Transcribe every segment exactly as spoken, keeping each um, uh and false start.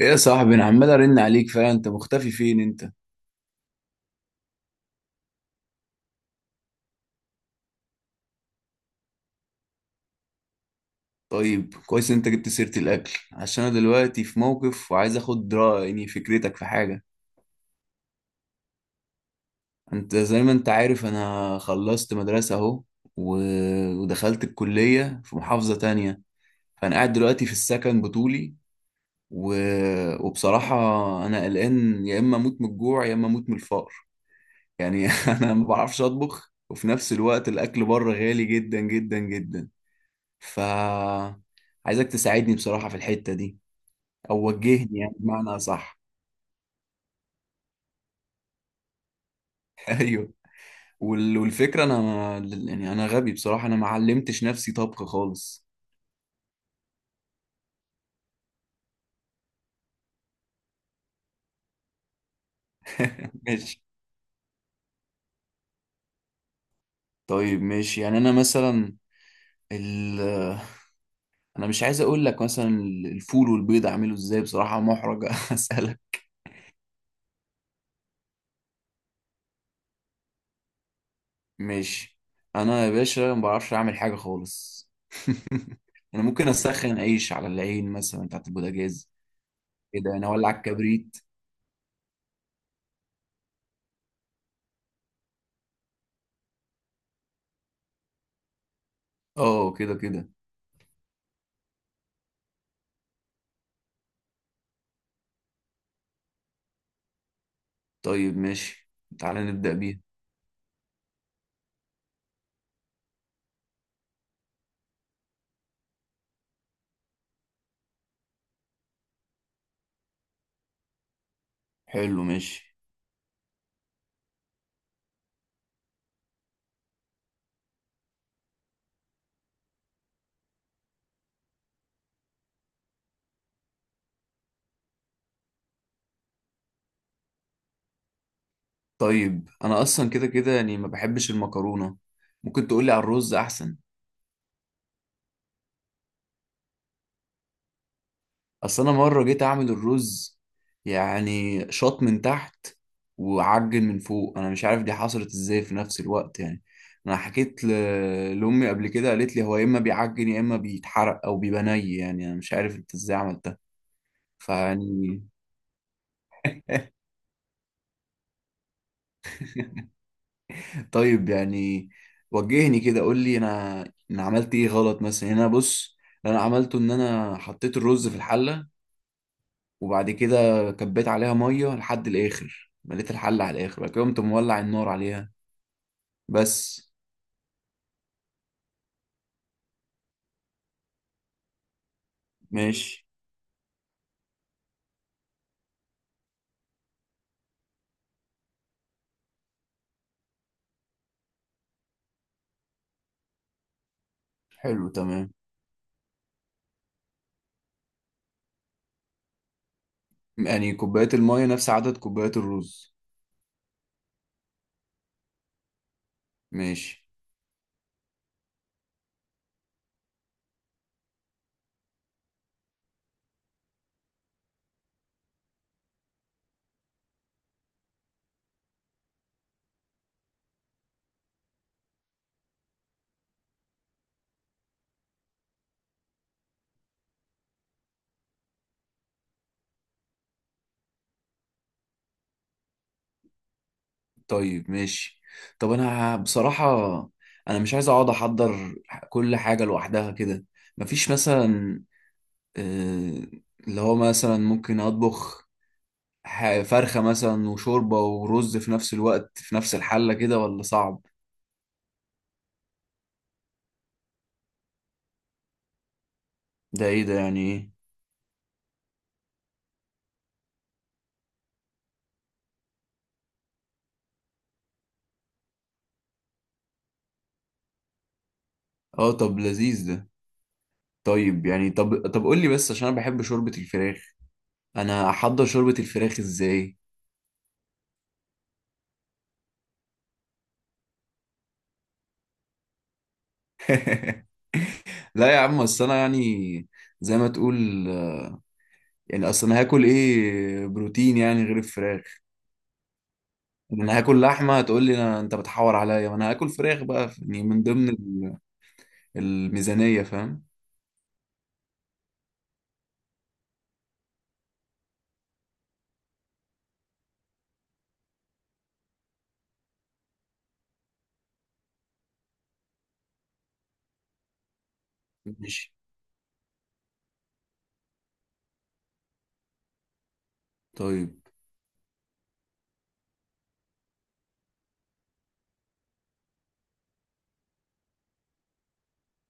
ايه يا صاحبي، انا عمال ارن عليك فعلا. انت مختفي فين انت؟ طيب كويس إن انت جبت سيرة الاكل، عشان انا دلوقتي في موقف وعايز اخد رأي. يعني فكرتك في حاجة. انت زي ما انت عارف انا خلصت مدرسة اهو و... ودخلت الكلية في محافظة تانية، فانا قاعد دلوقتي في السكن بطولي. و... وبصراحة انا قلقان، يا اما اموت من الجوع يا اما اموت من الفقر. يعني انا ما بعرفش اطبخ، وفي نفس الوقت الاكل بره غالي جدا جدا جدا. ف عايزك تساعدني بصراحة في الحتة دي، او وجهني يعني بمعنى صح. ايوه. وال- والفكرة انا ما- يعني انا غبي بصراحة، انا ما علمتش نفسي طبخ خالص. ماشي. طيب ماشي. يعني انا مثلا ال... انا مش عايز اقول لك مثلا الفول والبيض اعمله ازاي، بصراحة محرج اسألك. ماشي. انا يا باشا ما بعرفش اعمل حاجة خالص. انا ممكن اسخن عيش على العين مثلا بتاعت البوتاجاز، كده انا اولع الكبريت. اه، كده كده. طيب ماشي، تعالى نبدأ بيها. حلو، ماشي. طيب انا اصلا كده كده يعني ما بحبش المكرونة، ممكن تقولي على الرز احسن. اصل انا مرة جيت اعمل الرز، يعني شاط من تحت وعجن من فوق، انا مش عارف دي حصلت ازاي في نفس الوقت يعني. انا حكيت ل... لامي قبل كده، قالت لي هو يا اما بيعجن يا اما بيتحرق او بيبقى ني، يعني انا مش عارف انت ازاي عملتها. فيعني طيب يعني وجهني كده، قول لي انا انا عملت ايه غلط مثلا. يعني انا بص، اللي انا عملته ان انا حطيت الرز في الحله، وبعد كده كبيت عليها ميه لحد الاخر، مليت الحله على الاخر، بعد كده قمت مولع النار عليها. بس. ماشي. حلو تمام. يعني كوبايات الميه نفس عدد كوبايات الرز؟ ماشي. طيب ماشي. طب انا بصراحه انا مش عايز اقعد احضر كل حاجه لوحدها كده. مفيش مثلا آه، اللي هو مثلا ممكن اطبخ ح- فرخة مثلا وشوربة ورز في نفس الوقت في نفس الحلة كده ولا صعب؟ ده ايه ده؟ يعني ايه؟ اه، طب لذيذ ده. طيب يعني، طب طب قول لي بس، عشان انا بحب شوربة الفراخ، انا احضر شوربة الفراخ ازاي؟ لا يا عم، اصل انا يعني زي ما تقول، يعني اصل انا هاكل ايه بروتين يعني غير الفراخ؟ يعني انا هاكل لحمة؟ هتقول لي أنا- انت بتحور عليا؟ ما انا هاكل فراخ بقى، يعني من ضمن ال- الميزانية، فاهم. ماشي. طيب.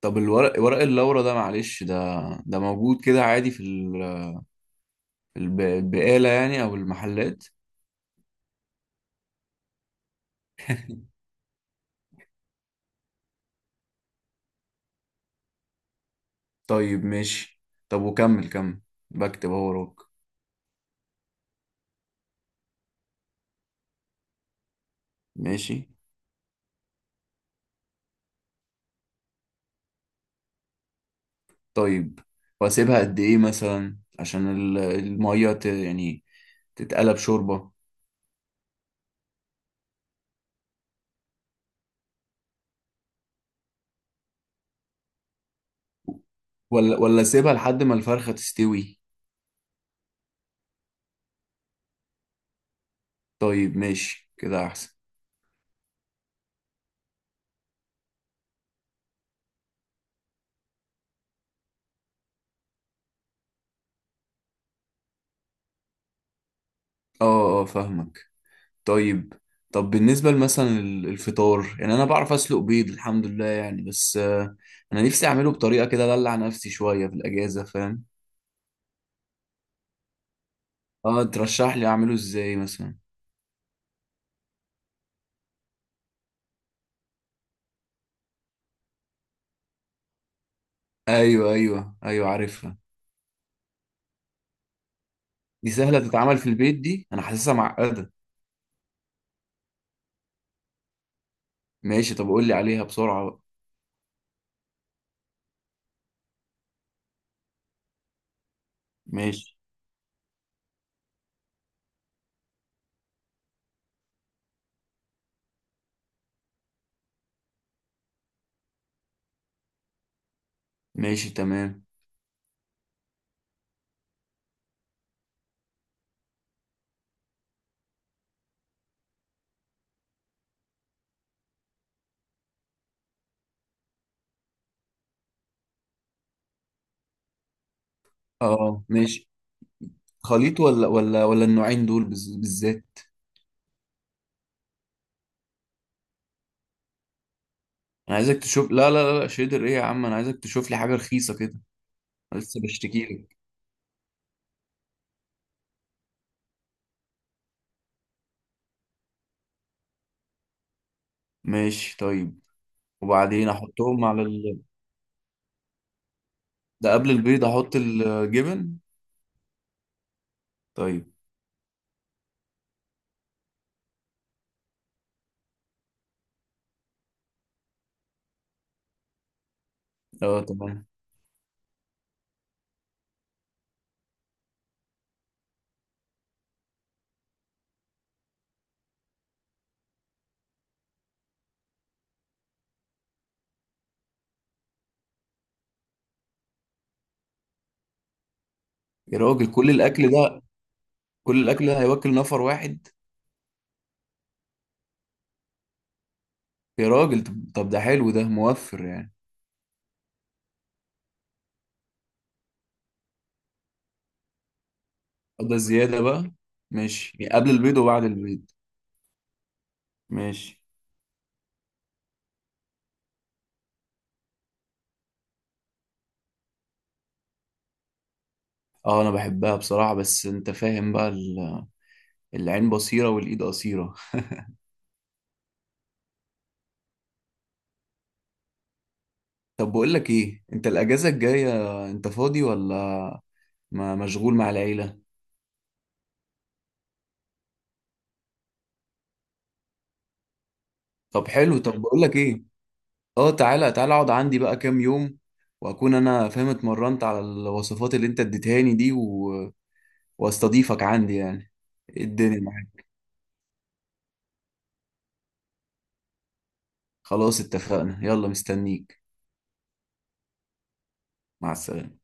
طب الورق، ورق اللورا ده، معلش، ده ده موجود كده عادي في ال- في الب- البقالة يعني أو المحلات؟ طيب ماشي. طب وكمل كمل، بكتب اهو وراك. ماشي. طيب، وأسيبها قد إيه مثلا عشان ال- المية ت- يعني تتقلب شوربة؟ ولا ولا أسيبها لحد ما الفرخة تستوي؟ طيب ماشي كده أحسن. اه اه فاهمك. طيب، طب بالنسبة مثلا الفطار، يعني أنا بعرف أسلق بيض الحمد لله يعني، بس آه، أنا نفسي أعمله بطريقة كده أدلع نفسي شوية في الأجازة، فاهم. أه، ترشح لي أعمله إزاي مثلا؟ أيوه أيوه أيوه عارفها. دي سهلة تتعمل في البيت؟ دي أنا حاسسها معقدة. ماشي، طب قول لي عليها بسرعة بقى. ماشي. ماشي تمام. أه ماشي. خليط ولا ولا ولا النوعين دول بز- بالذات؟ أنا عايزك تشوف، لا لا لا لا، شيدر إيه يا عم، أنا عايزك تشوف لي حاجة رخيصة كده. أنا لسه بشتكي لك. ماشي طيب. وبعدين احطهم على ال... ده قبل البيض احط الجبن؟ طيب. اه تمام. يا راجل كل الاكل ده، كل الاكل ده هيوكل نفر واحد؟ يا راجل، طب طب ده حلو، ده موفر يعني. طب ده زيادة بقى؟ ماشي، يعني قبل البيض وبعد البيض. ماشي. اه انا بحبها بصراحة، بس انت فاهم بقى ال- العين بصيرة والايد قصيرة. طب بقول لك ايه، انت الاجازة الجاية انت فاضي ولا ما مشغول مع العيلة؟ طب حلو، طب بقول لك ايه، اه تعالى تعالى اقعد عندي بقى كام يوم، واكون انا فاهم اتمرنت على الوصفات اللي انت اديتهاني دي و... واستضيفك عندي يعني. إيه الدنيا معاك. خلاص اتفقنا، يلا مستنيك. مع السلامة.